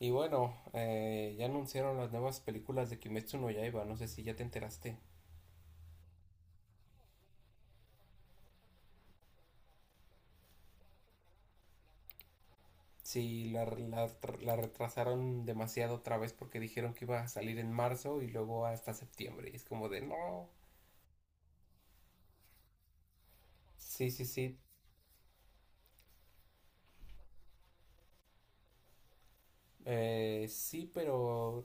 Y bueno, ya anunciaron las nuevas películas de Kimetsu no Yaiba. No sé si ya te enteraste. Si la, la, La retrasaron demasiado otra vez porque dijeron que iba a salir en marzo y luego hasta septiembre. Y es como de no. Sí, sí, sí. Sí, pero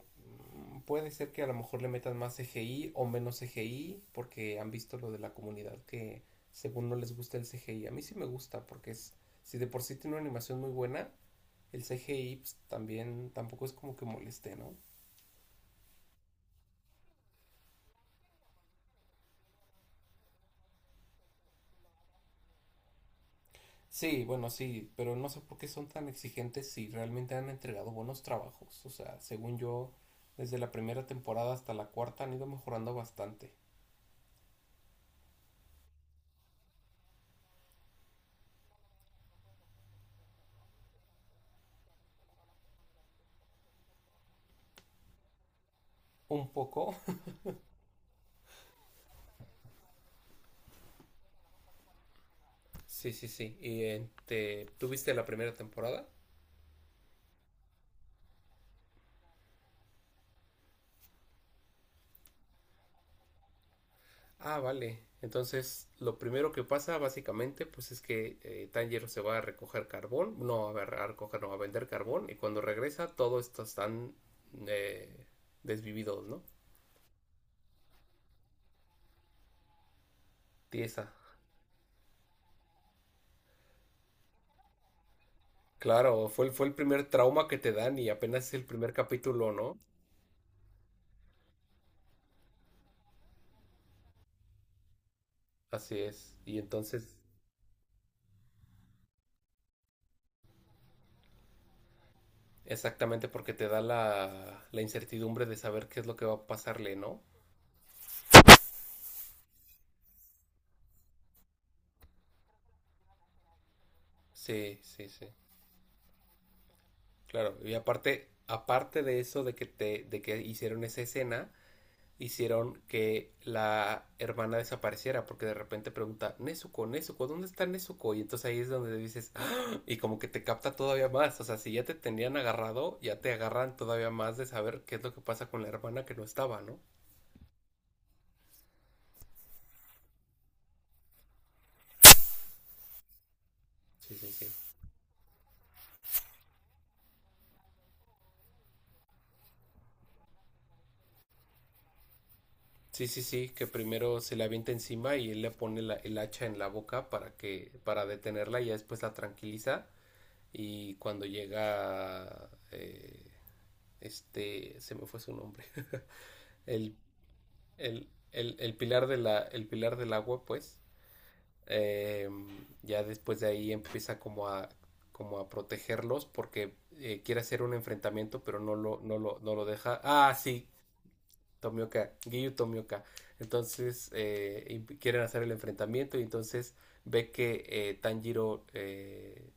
puede ser que a lo mejor le metan más CGI o menos CGI porque han visto lo de la comunidad que según no les gusta el CGI. A mí sí me gusta porque es, si de por sí tiene una animación muy buena, el CGI pues, también tampoco es como que moleste, ¿no? Sí, bueno, sí, pero no sé por qué son tan exigentes si realmente han entregado buenos trabajos. O sea, según yo, desde la primera temporada hasta la cuarta han ido mejorando bastante. Un poco. Sí, sí, sí. Y ¿tuviste la primera temporada? Ah, vale. Entonces, lo primero que pasa básicamente, pues es que Tanjiro se va a recoger carbón, no a, ver, a recoger, no, a vender carbón, y cuando regresa, todos estos están eh, desvividos, ¿no? Tiesa. Claro, fue, fue el primer trauma que te dan y apenas es el primer capítulo, ¿no? Así es. Y entonces, exactamente porque te da la incertidumbre de saber qué es lo que va a pasarle, ¿no? Sí, sí, sí. Claro. Y aparte de eso de que de que hicieron esa escena, hicieron que la hermana desapareciera porque de repente pregunta, Nezuko, Nezuko, ¿dónde está Nezuko? Y entonces ahí es donde dices, ¡ah! Y como que te capta todavía más, o sea, si ya te tenían agarrado, ya te agarran todavía más de saber qué es lo que pasa con la hermana que no estaba, ¿no? Sí, sí, sí. Sí, sí, sí, que primero se le avienta encima y él le pone el hacha en la boca para detenerla y ya después la tranquiliza y cuando llega este se me fue su nombre el el, el pilar de el pilar del agua, pues. eh, ya después de ahí empieza como a, como a protegerlos porque quiere hacer un enfrentamiento, pero no lo deja. Ah, sí, Tomioka, Giyu Tomioka. Entonces quieren hacer el enfrentamiento y entonces ve que Tanjiro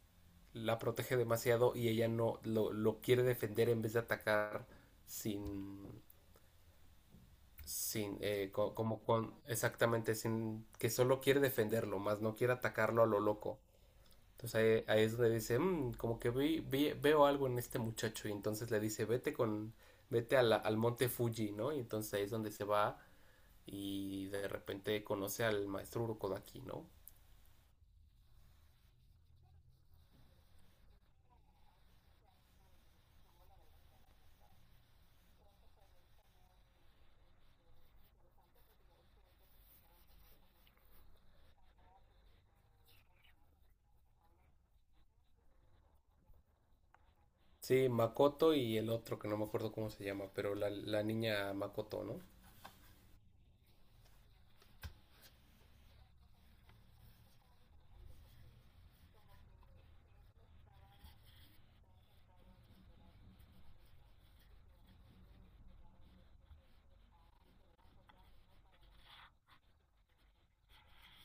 la protege demasiado y ella no lo, lo quiere defender en vez de atacar sin, sin, co- como con, exactamente, sin, que solo quiere defenderlo, más no quiere atacarlo a lo loco. Entonces ahí es donde dice, "Mm, como que veo algo en este muchacho". Y entonces le dice, vete a al monte Fuji, ¿no? Y entonces ahí es donde se va y de repente conoce al maestro Urokodaki, ¿no? Sí, Makoto y el otro, que no me acuerdo cómo se llama, pero la niña Makoto, ¿no?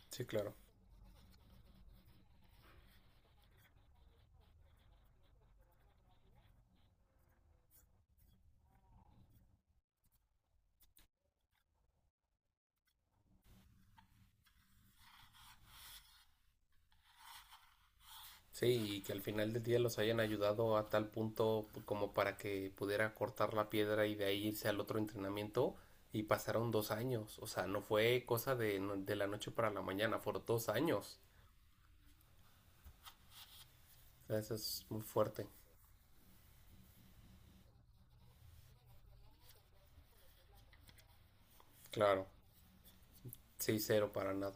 Sí, claro. Sí, y que al final del día los hayan ayudado a tal punto como para que pudiera cortar la piedra y de ahí irse al otro entrenamiento y pasaron 2 años. O sea, no fue cosa de, de la noche para la mañana, fueron 2 años. Eso es muy fuerte. Claro, sí, cero para nada.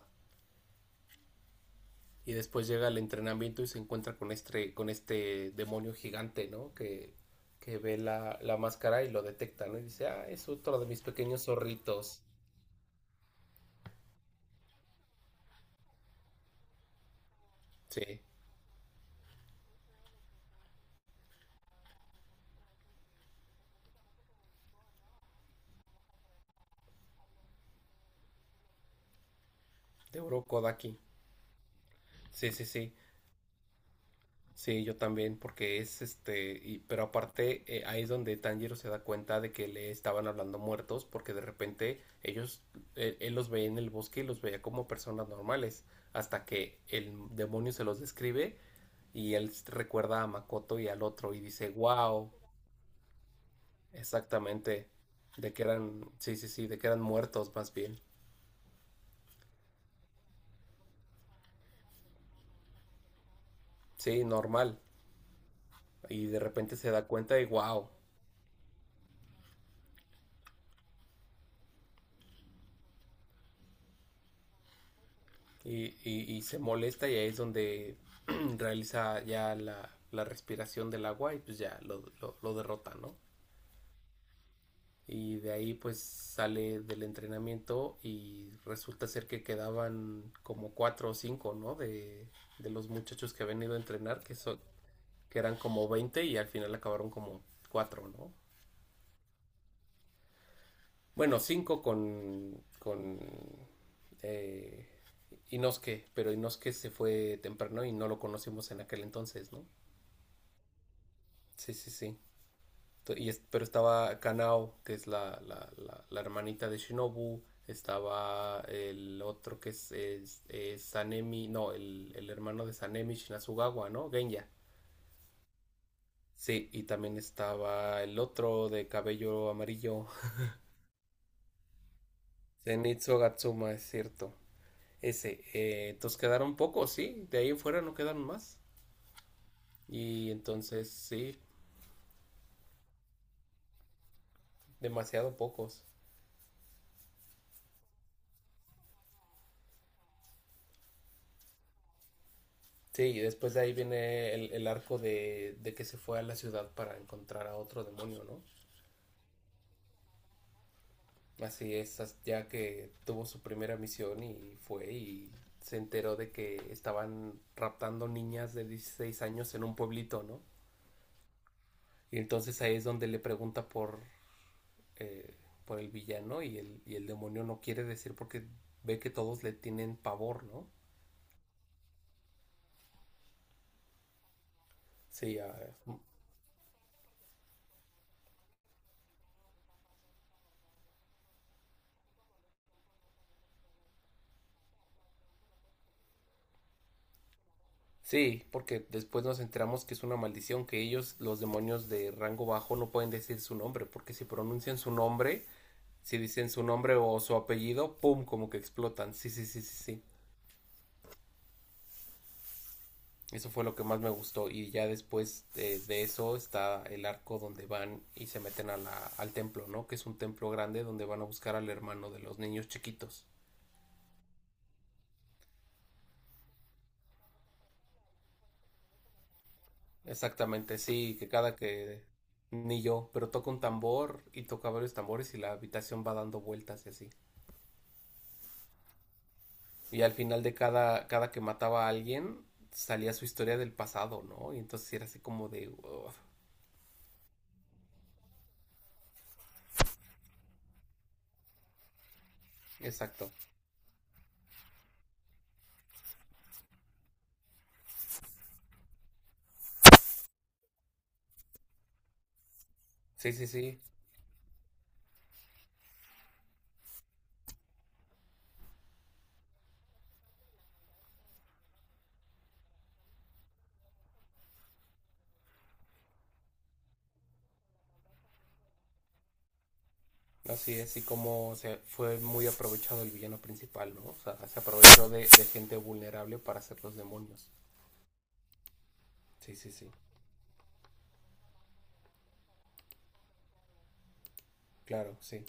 Y después llega el entrenamiento y se encuentra con con este demonio gigante, ¿no? Que ve la máscara y lo detecta, ¿no? Y dice, ah, es otro de mis pequeños zorritos. Sí, de Urokodaki. Sí, sí, sí. Sí, yo también, porque es este, pero aparte ahí es donde Tanjiro se da cuenta de que le estaban hablando muertos, porque de repente ellos, él los veía en el bosque y los veía como personas normales, hasta que el demonio se los describe y recuerda a Makoto y al otro y dice, wow, exactamente, de que eran, sí, sí, sí, de que eran muertos más bien, sí, normal, y de repente se da cuenta y wow. Y se molesta y ahí es donde realiza ya la respiración del agua y pues ya lo derrota, ¿no? Y de ahí pues sale del entrenamiento y resulta ser que quedaban como cuatro o cinco, ¿no? De los muchachos que habían ido a entrenar, que eran como 20 y al final acabaron como cuatro, ¿no? Bueno, cinco con eh, Inosuke, pero Inosuke se fue temprano y no lo conocimos en aquel entonces, ¿no? Sí, sí, sí. Pero estaba Kanao, que es la hermanita de Shinobu. Estaba el otro que es Sanemi, no, el hermano de Sanemi Shinazugawa, ¿no? Genya. Sí, y también estaba el otro de cabello amarillo, Zenitsu Gatsuma, es cierto. Ese, entonces quedaron pocos, sí, de ahí en fuera no quedaron más. Y entonces, sí, demasiado pocos. Sí, y después de ahí viene el arco de que se fue a la ciudad para encontrar a otro demonio, ¿no? Así es, ya que tuvo su primera misión y fue y se enteró de que estaban raptando niñas de 16 años en un pueblito, ¿no? Y entonces ahí es donde eh, por el villano y y el demonio no quiere decir porque ve que todos le tienen pavor, ¿no? Sí, ah, sí, porque después nos enteramos que es una maldición, que ellos, los demonios de rango bajo, no pueden decir su nombre, porque si pronuncian su nombre, si dicen su nombre o su apellido, ¡pum! Como que explotan. Sí, sí, sí, sí, sí. Eso fue lo que más me gustó. Y ya después de eso está el arco donde van y se meten a al templo, ¿no? Que es un templo grande donde van a buscar al hermano de los niños chiquitos. Exactamente, sí, que cada que ni yo, pero toca un tambor y toca varios tambores y la habitación va dando vueltas y así. Y al final de cada que mataba a alguien, salía su historia del pasado, ¿no? Y entonces era así como de... ugh. Exacto. Sí, sí, sí. Así es, y como se fue muy aprovechado el villano principal, ¿no? O sea, se aprovechó de gente vulnerable para hacer los demonios. Sí, sí, sí. Claro, sí.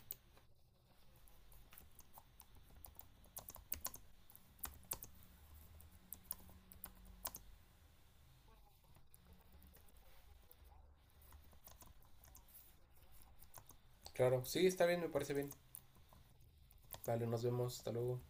Claro, sí, está bien, me parece bien. Dale, nos vemos. Hasta luego.